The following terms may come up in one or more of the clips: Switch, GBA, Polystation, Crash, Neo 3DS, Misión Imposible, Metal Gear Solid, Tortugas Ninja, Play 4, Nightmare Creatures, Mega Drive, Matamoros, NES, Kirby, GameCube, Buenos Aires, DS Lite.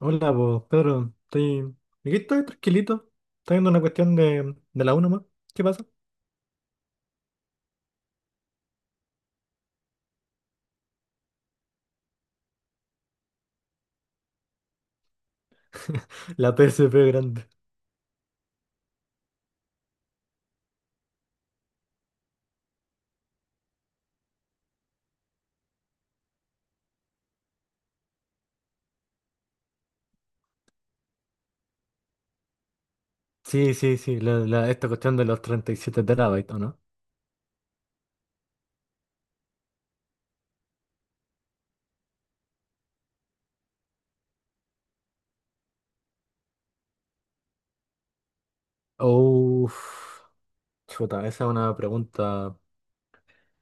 Hola, pues, Pedro, aquí estoy tranquilito. Está viendo una cuestión de la 1 más. ¿Qué pasa? La PSP grande. Sí, sí, sí, esta cuestión de los 37 terabytes, ¿o no? Uff, chuta, esa es una pregunta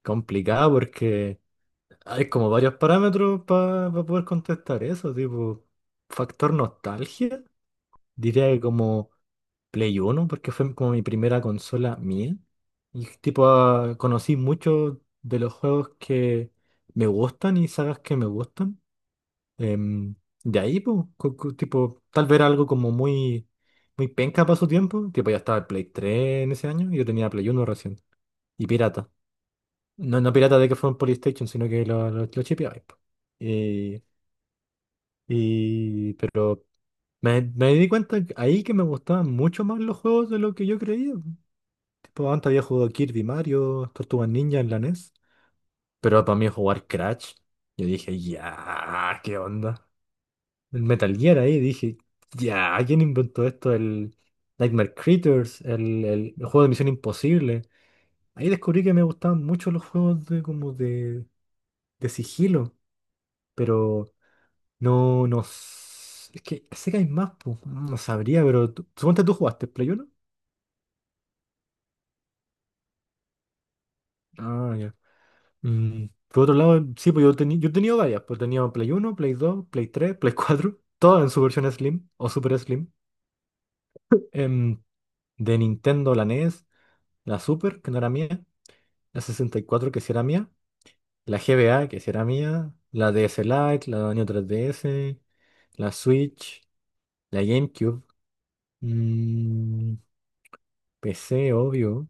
complicada porque hay como varios parámetros para poder contestar eso, tipo, factor nostalgia, diría que como Play Uno porque fue como mi primera consola mía. Y tipo, conocí muchos de los juegos que me gustan y sagas que me gustan. Em, de ahí, pues, tipo, tal vez era algo como muy, muy penca para su tiempo. Tipo, ya estaba el Play 3 en ese año y yo tenía Play Uno recién. Y pirata. No, no pirata de que fue un Polystation, sino que lo chipeaba, po. Y, pero me di cuenta ahí que me gustaban mucho más los juegos de lo que yo creía. Tipo, antes había jugado Kirby, Mario, Tortugas Ninja en la NES. Pero para mí jugar Crash, yo dije, ya, ¿qué onda? El Metal Gear ahí, dije, ya, ¿quién inventó esto? El Nightmare Creatures, el juego de Misión Imposible. Ahí descubrí que me gustaban mucho los juegos de, como, de sigilo, pero no, no. Es que sé que hay más, pues, no sabría, pero suponte tú jugaste Play 1. Ah, ya. Por otro lado, sí, pues yo, yo he tenido varias. Pues he tenido Play uno, Play dos, Play tres, Play cuatro, todas en su versión Slim o Super Slim. Em, de Nintendo, la NES, la Super, que no era mía, la 64, que sí era mía, la GBA, que sí era mía, la DS Lite, la Neo 3DS, la Switch, la GameCube, mm, PC, obvio.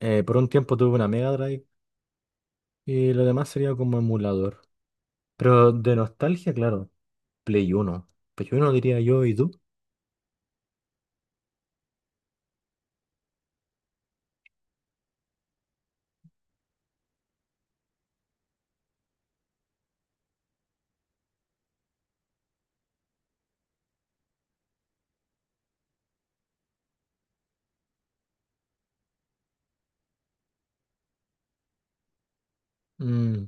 Por un tiempo tuve una Mega Drive y lo demás sería como emulador. Pero de nostalgia, claro. Play 1. Play uno diría yo, ¿y tú? Mm,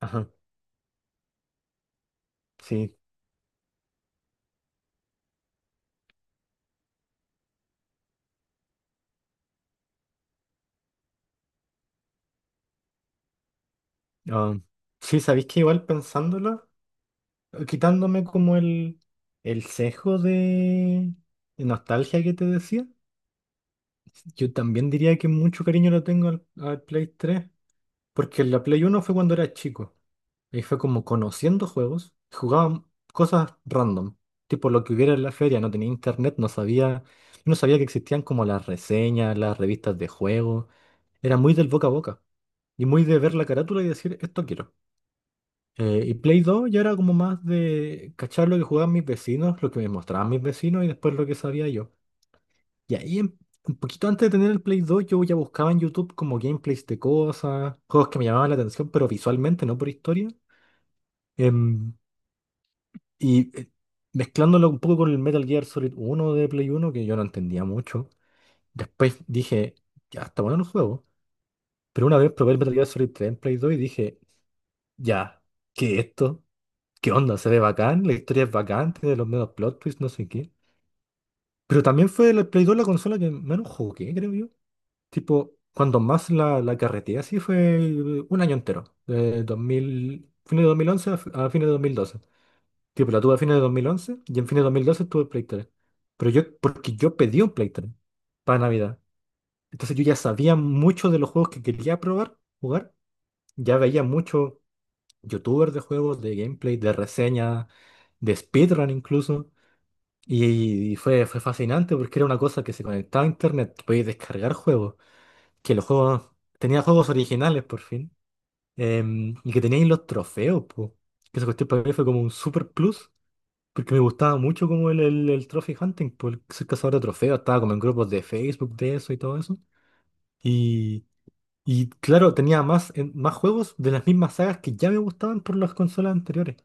ajá, sí. Ah, sí, sabéis que igual pensándolo, quitándome como el sesgo de nostalgia que te decía, yo también diría que mucho cariño lo tengo al, al Play 3, porque la Play uno fue cuando era chico. Ahí fue como conociendo juegos, jugaba cosas random, tipo lo que hubiera en la feria, no tenía internet, no sabía, no sabía que existían como las reseñas, las revistas de juegos, era muy del boca a boca y muy de ver la carátula y decir, esto quiero. Y Play 2 ya era como más de cachar lo que jugaban mis vecinos, lo que me mostraban mis vecinos y después lo que sabía yo. Y ahí, un poquito antes de tener el Play 2, yo ya buscaba en YouTube como gameplays de cosas, juegos que me llamaban la atención, pero visualmente, no por historia. Em, Y mezclándolo un poco con el Metal Gear Solid uno de Play uno, que yo no entendía mucho, después dije, ya, está bueno el juego. Pero una vez probé el Metal Gear Solid tres en Play 2 y dije, ya, ¿qué es esto? ¿Qué onda? Se ve bacán, la historia es bacán, tiene los medios plot twists, no sé qué. Pero también fue el Play 2 la consola que menos jugué, creo yo. Tipo, cuando más la carreteé así fue un año entero, de 2000 fines de 2011 a fines de 2012. Tipo, la tuve a fines de 2011 y en fines de 2012 tuve Play 3. Pero yo, porque yo pedí un Play 3 para Navidad. Entonces yo ya sabía mucho de los juegos que quería probar, jugar. Ya veía mucho youtubers de juegos, de gameplay, de reseñas, de speedrun incluso. Y fue fascinante porque era una cosa que se conectaba a internet, podías descargar juegos, que los juegos, tenía juegos originales por fin, y que teníais los trofeos, po. Que esa cuestión para mí fue como un super plus porque me gustaba mucho como el trophy hunting, por ser cazador de trofeos, estaba como en grupos de Facebook de eso y todo eso. Y, y claro, tenía más, más juegos de las mismas sagas que ya me gustaban por las consolas anteriores.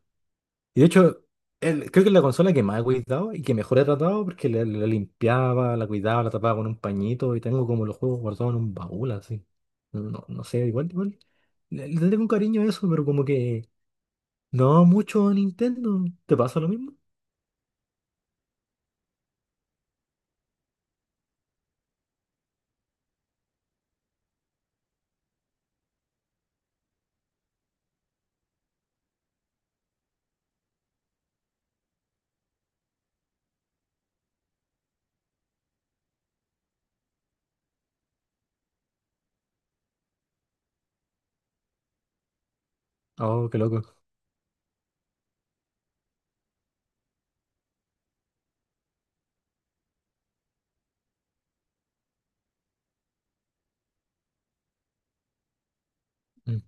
Y de hecho, creo que es la consola que más he cuidado y que mejor he tratado porque la limpiaba, la cuidaba, la tapaba con un pañito y tengo como los juegos guardados en un baúl así. No, no sé, igual, igual. Le tengo un cariño a eso, pero como que no mucho a Nintendo. ¿Te pasa lo mismo? Oh, qué loco. Mm.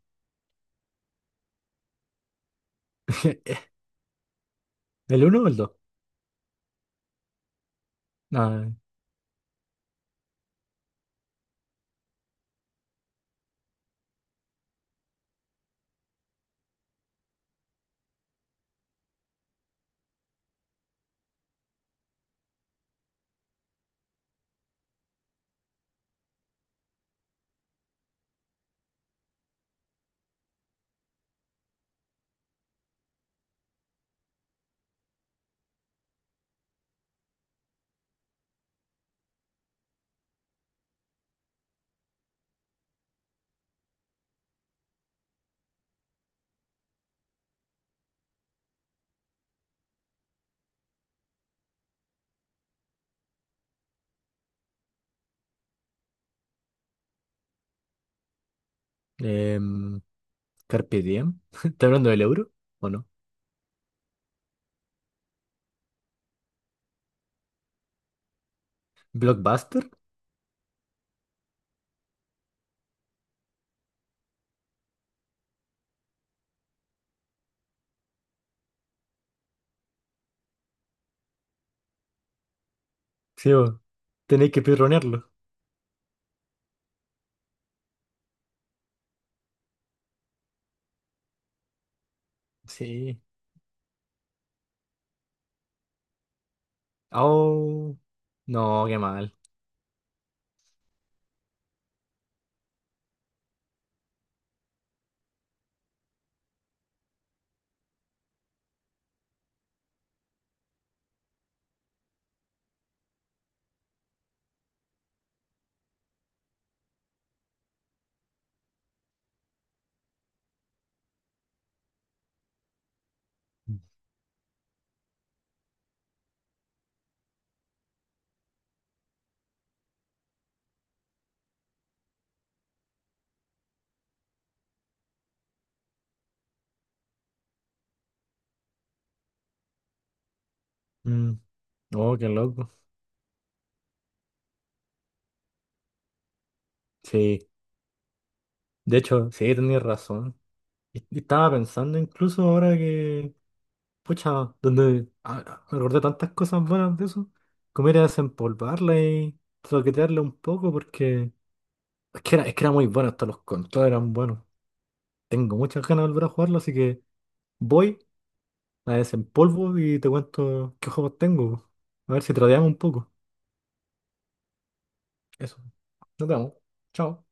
¿El uno o el dos? Ah, em, Carpe Diem. ¿Está hablando del euro? ¿O no? ¿Blockbuster? Sí, bo. Tenéis que pirronearlo. Sí. Oh. No, qué mal. Mm. Oh, qué loco. Sí. De hecho, sí, tenías razón. Y estaba pensando incluso ahora que... Pucha, donde... me acordé tantas cosas buenas de eso. Comer era desempolvarla y troquetearla un poco porque... es que era muy bueno, hasta los controles eran buenos. Tengo muchas ganas de volver a jugarlo, así que voy, la desempolvo y te cuento qué juegos tengo. A ver si tradeamos un poco. Eso. Nos vemos. Chao.